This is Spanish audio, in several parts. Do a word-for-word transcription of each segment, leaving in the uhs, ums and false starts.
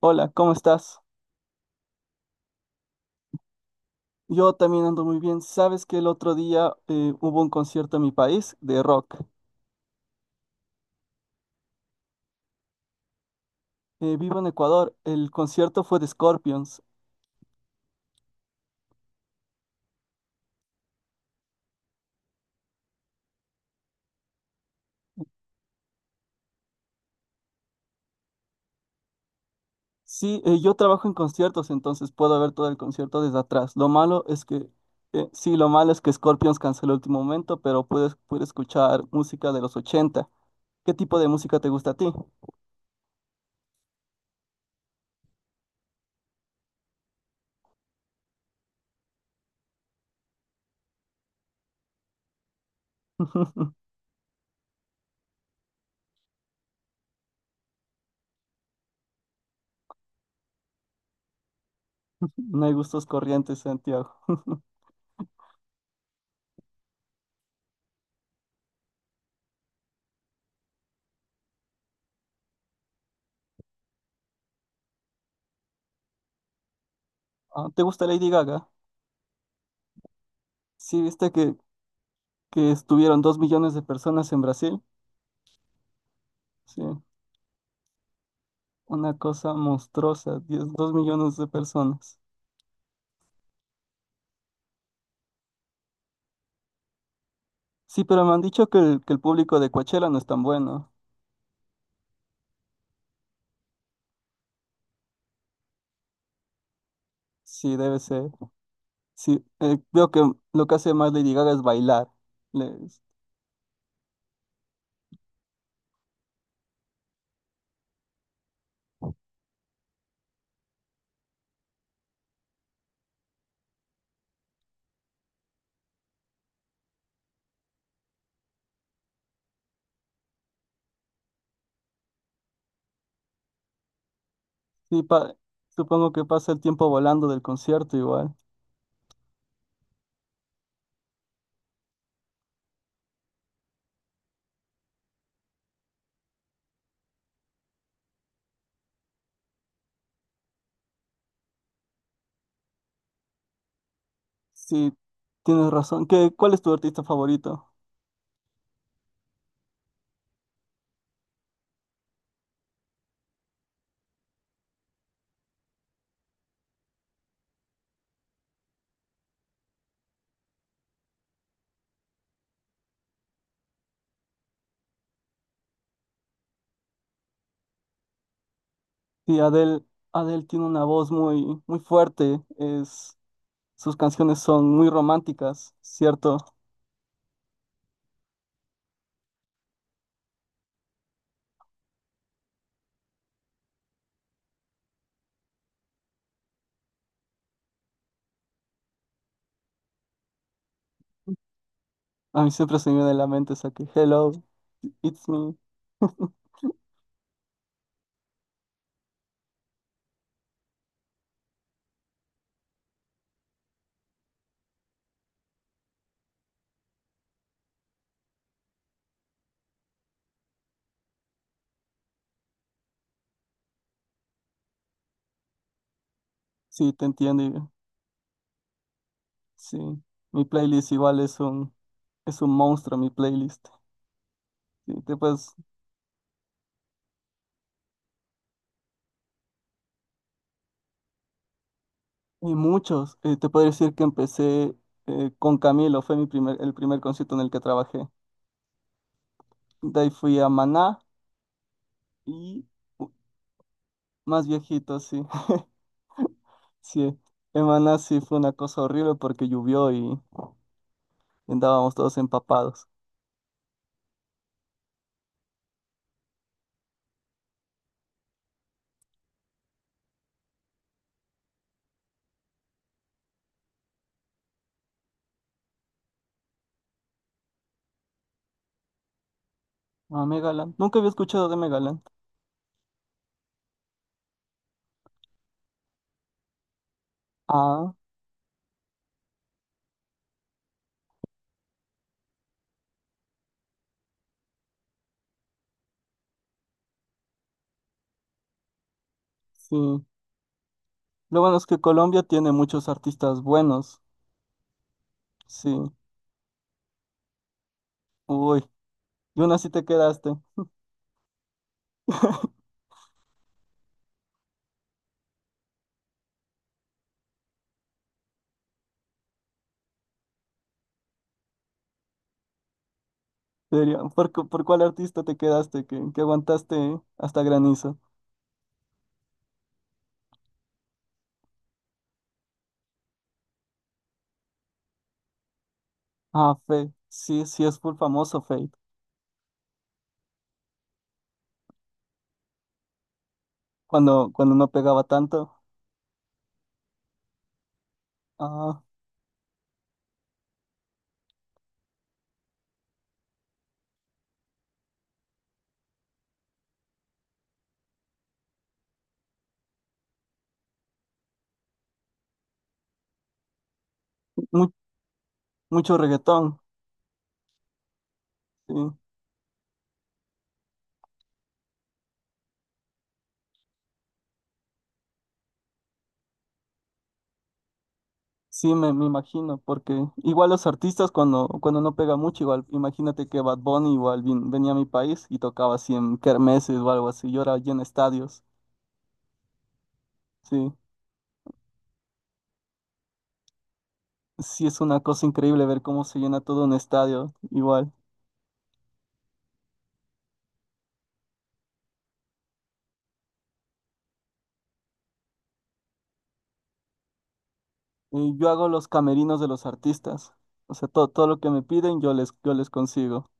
Hola, ¿cómo estás? Yo también ando muy bien. Sabes que el otro día eh, hubo un concierto en mi país de rock. Eh, vivo en Ecuador. El concierto fue de Scorpions. Sí, eh, yo trabajo en conciertos, entonces puedo ver todo el concierto desde atrás. Lo malo es que, eh, sí, lo malo es que Scorpions canceló el último momento, pero puedes, puedes escuchar música de los ochenta. ¿Qué tipo de música te gusta a ti? No hay gustos corrientes, Santiago. Ah, ¿te gusta Lady Gaga? Sí, viste que, que estuvieron dos millones de personas en Brasil. Sí. Una cosa monstruosa, diez dos millones de personas. Sí, pero me han dicho que el, que el público de Coachella no es tan bueno. Sí, debe ser. Sí, eh, veo que lo que hace más Lady Gaga es bailar. Le- sí, pa- supongo que pasa el tiempo volando del concierto igual. Sí, tienes razón. ¿Qué, cuál es tu artista favorito? Sí, Adele, Adele tiene una voz muy, muy fuerte. Es, sus canciones son muy románticas, ¿cierto? A mí siempre se me viene a la mente esa que Hello, It's Me. Sí, te entiendo. y- Sí, mi playlist igual es un, es un monstruo, mi playlist. Sí, te puedes- y muchos. eh, te puedo decir que empecé eh, con Camilo, fue mi primer, el primer concierto en el que trabajé. De ahí fui a Maná y u- más viejito, sí. Sí, en Maná sí fue una cosa horrible porque llovió y andábamos todos empapados. Ah, Megaland. Nunca había escuchado de Megaland. Ah, sí. Lo bueno es que Colombia tiene muchos artistas buenos. Sí. Uy. Y aún así te quedaste. Sería, ¿Por, cu- por cuál artista te quedaste que, que aguantaste hasta granizo? Ah, Fate. Sí, sí es full famoso Fate. Cuando, cuando no pegaba tanto. Ah, mu- mucho reggaetón. Sí, sí me, me imagino. Porque igual los artistas cuando, cuando no pega mucho, igual imagínate que Bad Bunny igual vin- venía a mi país y tocaba así en kermeses o algo así. Y ahora llena estadios. Sí, sí es una cosa increíble ver cómo se llena todo un estadio igual. Y yo hago los camerinos de los artistas. O sea, todo, todo lo que me piden yo les, yo les consigo.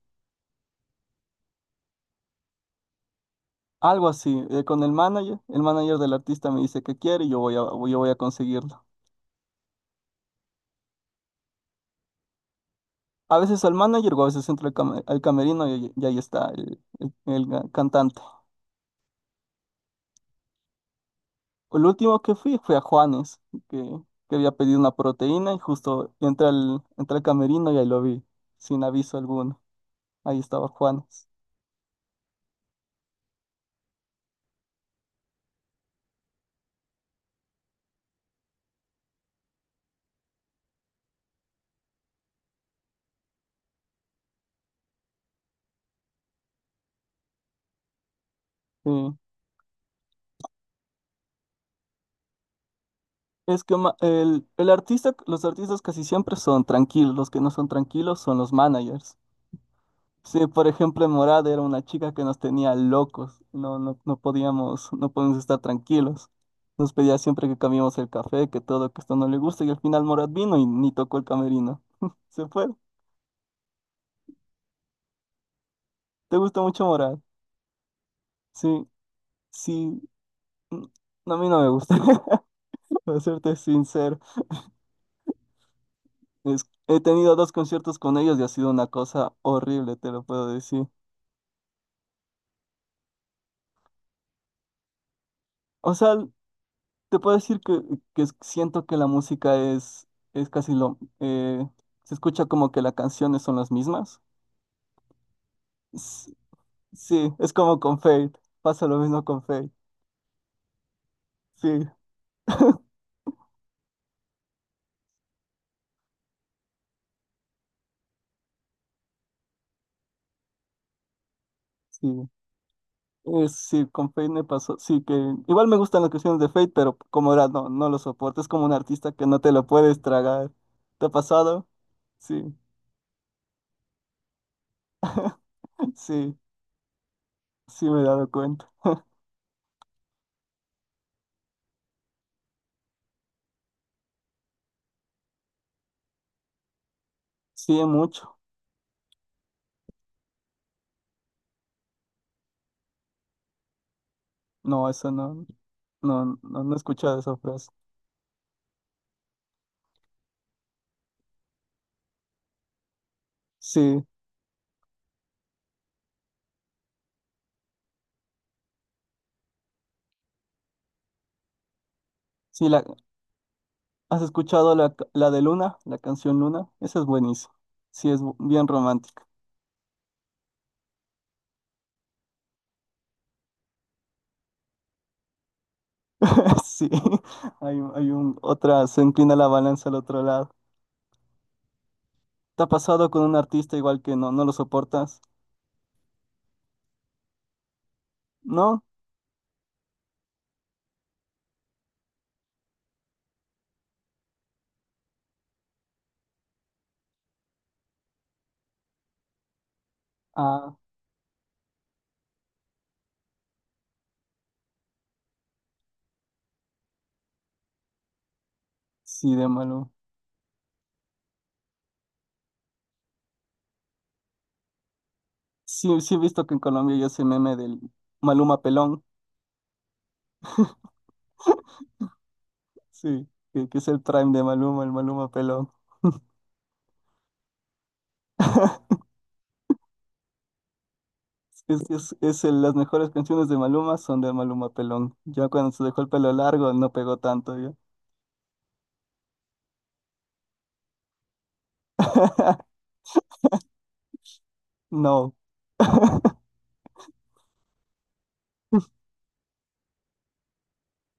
Algo así, eh, con el manager. El manager del artista me dice qué quiere y yo voy a, yo voy a conseguirlo. A veces al manager o a veces entro al, cam- al camerino y, y ahí está el, el- el ga- cantante. El último que fui fue a Juanes, que, que había pedido una proteína y justo entré al, entré al camerino y ahí lo vi, sin aviso alguno. Ahí estaba Juanes. Sí. Es que ma- el, el artista, los artistas casi siempre son tranquilos, los que no son tranquilos son los managers. Sí, por ejemplo, en Morada era una chica que nos tenía locos, no, no, no podíamos, no podíamos estar tranquilos. Nos pedía siempre que cambiemos el café, que todo, que esto no le gusta, y al final Morad vino y ni tocó el camerino. Se fue. ¿Te gusta mucho Morad? Sí, sí. mm, no, A mí no me gusta, para serte sincero. Es- he tenido dos conciertos con ellos y ha sido una cosa horrible, te lo puedo decir. O sea, te puedo decir que, que es- siento que la música es, es casi lo... eh, se escucha como que las canciones son las mismas. S- Sí, es como con Fate. Pasa lo mismo con Fate. Sí, sí. Es, sí, con Fate me pasó. Sí, que igual me gustan las canciones de Fate, pero como era, no, no lo soporto. Es como un artista que no te lo puedes tragar. ¿Te ha pasado? Sí, sí, sí me he dado cuenta. Sí, mucho. No, eso no, no, no, no he escuchado esa frase. Sí. Sí, la, ¿has escuchado la, ca- la de Luna, la canción Luna? Esa es buenísima. Sí, es bu- bien romántica. Sí, hay, hay un, otra, se inclina la balanza al otro lado. ¿Te ha pasado con un artista igual que no, no lo soportas? ¿No? Ah, sí, de Maluma. Sí, sí he visto que en Colombia ya ese meme del Maluma Pelón. Sí, que, que es el prime de Maluma, el Maluma Pelón. Es, es, es el- las mejores canciones de Maluma son de Maluma Pelón. Ya cuando se dejó el pelo largo no pegó tanto, ya. No.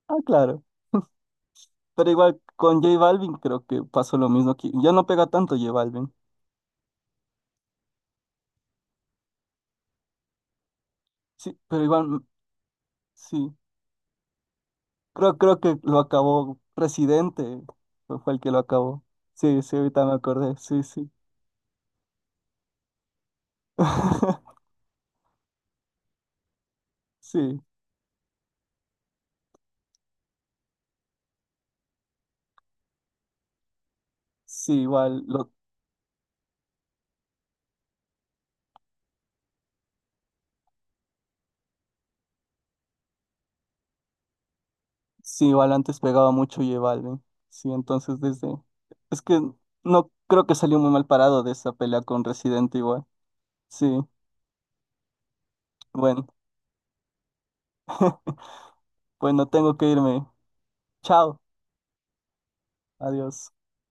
Ah, claro. Pero igual con J Balvin creo que pasó lo mismo aquí. Ya no pega tanto J Balvin. Sí, pero igual, mm, sí. Creo, creo que lo acabó Residente. Fue fue el que lo acabó. Sí, sí, ahorita me acordé. Sí, sí. Sí, sí, igual, lo, sí, igual antes pegaba mucho J Balvin. Sí, entonces desde. Es que no creo que salió muy mal parado de esa pelea con Residente igual. Sí, bueno, bueno, tengo que irme. Chao, adiós.